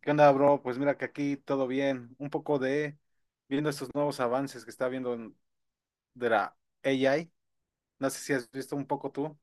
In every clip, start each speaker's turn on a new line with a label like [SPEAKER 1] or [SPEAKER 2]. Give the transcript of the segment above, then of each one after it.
[SPEAKER 1] ¿Qué onda, bro? Pues mira que aquí todo bien. Un poco de viendo estos nuevos avances que está viendo de la AI. No sé si has visto un poco tú.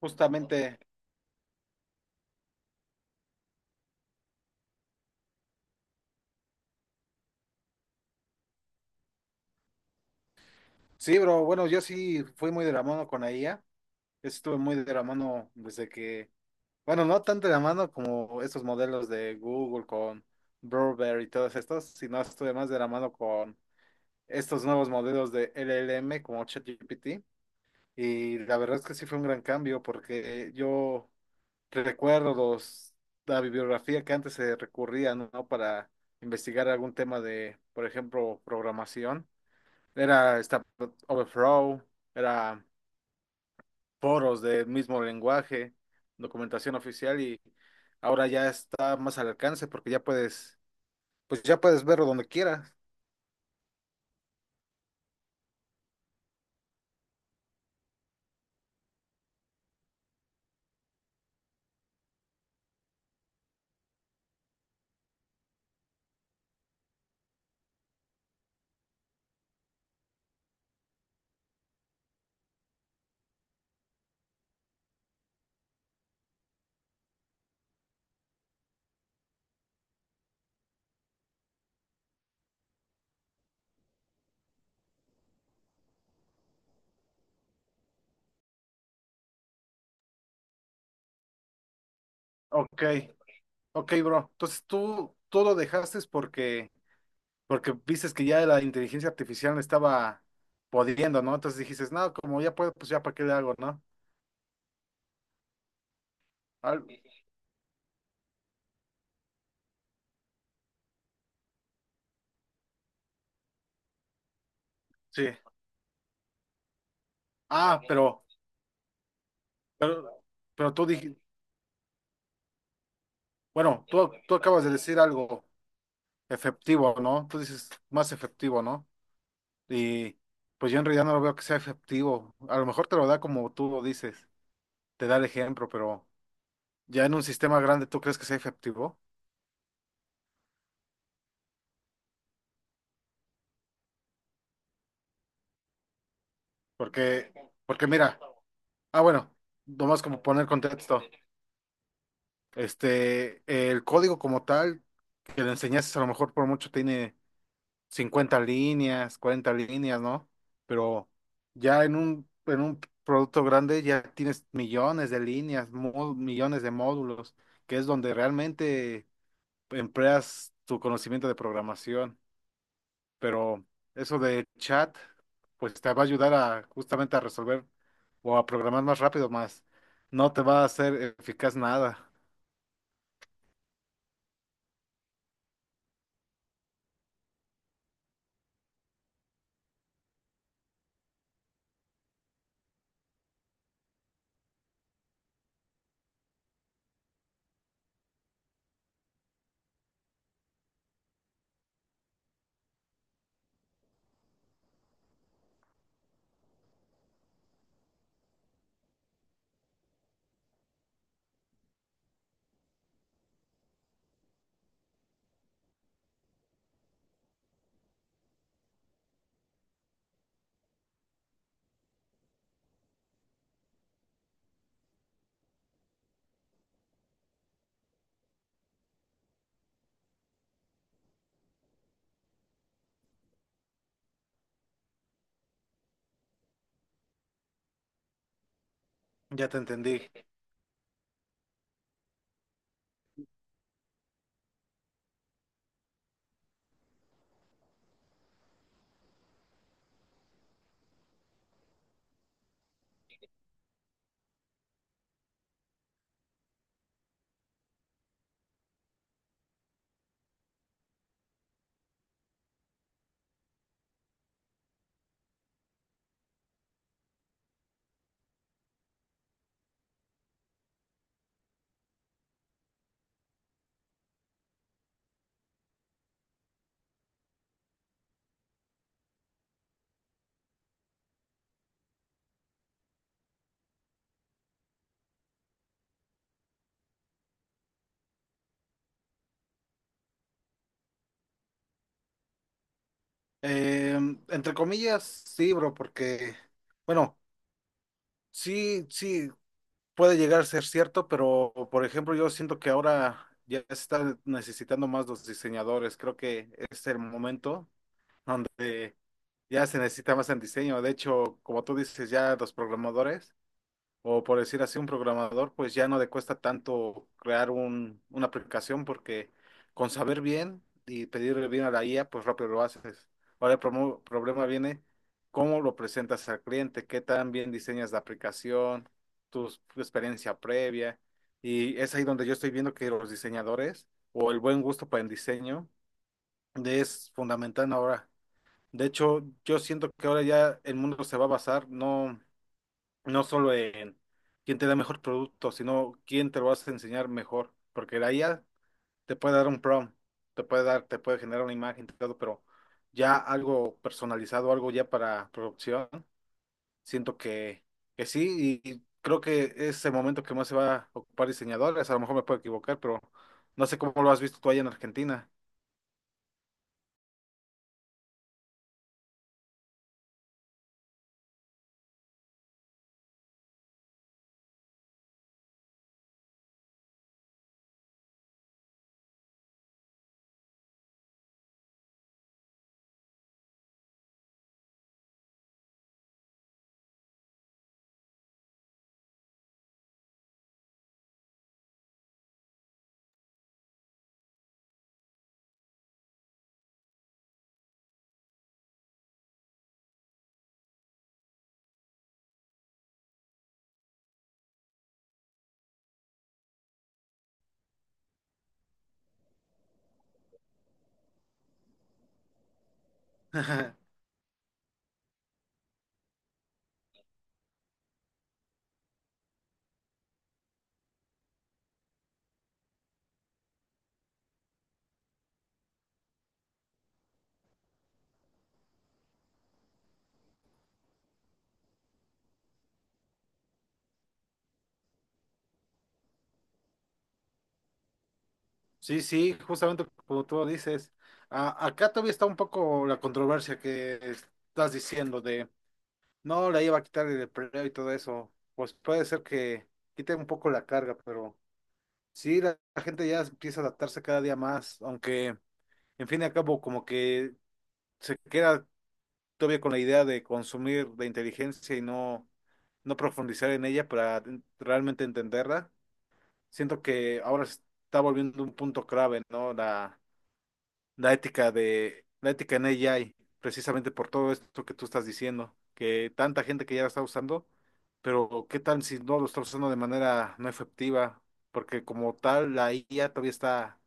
[SPEAKER 1] Justamente, sí, bro. Bueno, yo sí fui muy de la mano con la IA. Estuve muy de la mano desde que, bueno, no tanto de la mano como estos modelos de Google con Burberry y todos estos, sino estuve más de la mano con estos nuevos modelos de LLM como ChatGPT. Y la verdad es que sí fue un gran cambio porque yo recuerdo la bibliografía que antes se recurría, ¿no? ¿no? Para investigar algún tema de, por ejemplo, programación. Era esta Overflow, era foros del mismo lenguaje, documentación oficial y ahora ya está más al alcance porque pues ya puedes verlo donde quieras. Ok, ok, bro. Entonces tú lo dejaste porque viste que ya la inteligencia artificial me estaba podiendo, ¿no? Entonces dijiste, no, como ya puedo, pues ya para qué le hago, ¿no? Al- sí. Ah, pero, pero tú dijiste, bueno, tú acabas de decir algo efectivo, ¿no? Tú dices más efectivo, ¿no? Y pues yo en realidad no lo veo que sea efectivo. A lo mejor te lo da como tú lo dices, te da el ejemplo, pero ya en un sistema grande, ¿tú crees que sea efectivo? Porque, porque mira, bueno, nomás como poner contexto. Este, el código como tal que le enseñaste a lo mejor por mucho tiene 50 líneas, 40 líneas, ¿no? Pero ya en un producto grande ya tienes millones de líneas, millones de módulos, que es donde realmente empleas tu conocimiento de programación. Pero eso de chat, pues te va a ayudar a justamente a resolver o a programar más rápido, más no te va a hacer eficaz nada. Ya te entendí. Eh, entre comillas, sí, bro, porque, bueno, sí, sí, puede llegar a ser cierto, pero, por ejemplo, yo siento que ahora ya se está necesitando más los diseñadores. Creo que es el momento donde ya se necesita más en diseño. De hecho, como tú dices, ya los programadores. O por decir así, un programador, pues ya no le cuesta tanto crear una aplicación porque con saber bien y pedirle bien a la IA, pues rápido lo haces. Ahora el problema viene cómo lo presentas al cliente, qué tan bien diseñas la aplicación, tu experiencia previa. Y es ahí donde yo estoy viendo que los diseñadores o el buen gusto para el diseño es fundamental ahora. De hecho, yo siento que ahora ya el mundo se va a basar, no solo en quién te da mejor producto, sino quién te lo vas a enseñar mejor, porque la IA te puede dar un prompt, te puede generar una imagen, todo, pero ya algo personalizado, algo ya para producción, siento que sí, y creo que es el momento que más se va a ocupar diseñadores, a lo mejor me puedo equivocar, pero no sé cómo lo has visto tú allá en Argentina. Sí, sí, justamente como tú dices. Acá todavía está un poco la controversia que estás diciendo de no, la iba a quitar el empleo y todo eso. Pues puede ser que quite un poco la carga, pero sí, la gente ya empieza a adaptarse cada día más, aunque en fin y al cabo como que se queda todavía con la idea de consumir la inteligencia y no profundizar en ella para realmente entenderla. Siento que ahora se está volviendo un punto clave, ¿no? La ética de la ética en AI, precisamente por todo esto que tú estás diciendo, que tanta gente que ya la está usando, pero ¿qué tal si no lo está usando de manera no efectiva? Porque como tal la IA todavía está,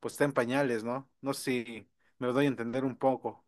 [SPEAKER 1] pues está en pañales, ¿no? No sé si me lo doy a entender un poco.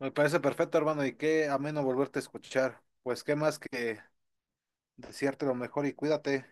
[SPEAKER 1] Me parece perfecto, hermano, y qué ameno volverte a escuchar. Pues qué más que desearte lo mejor y cuídate.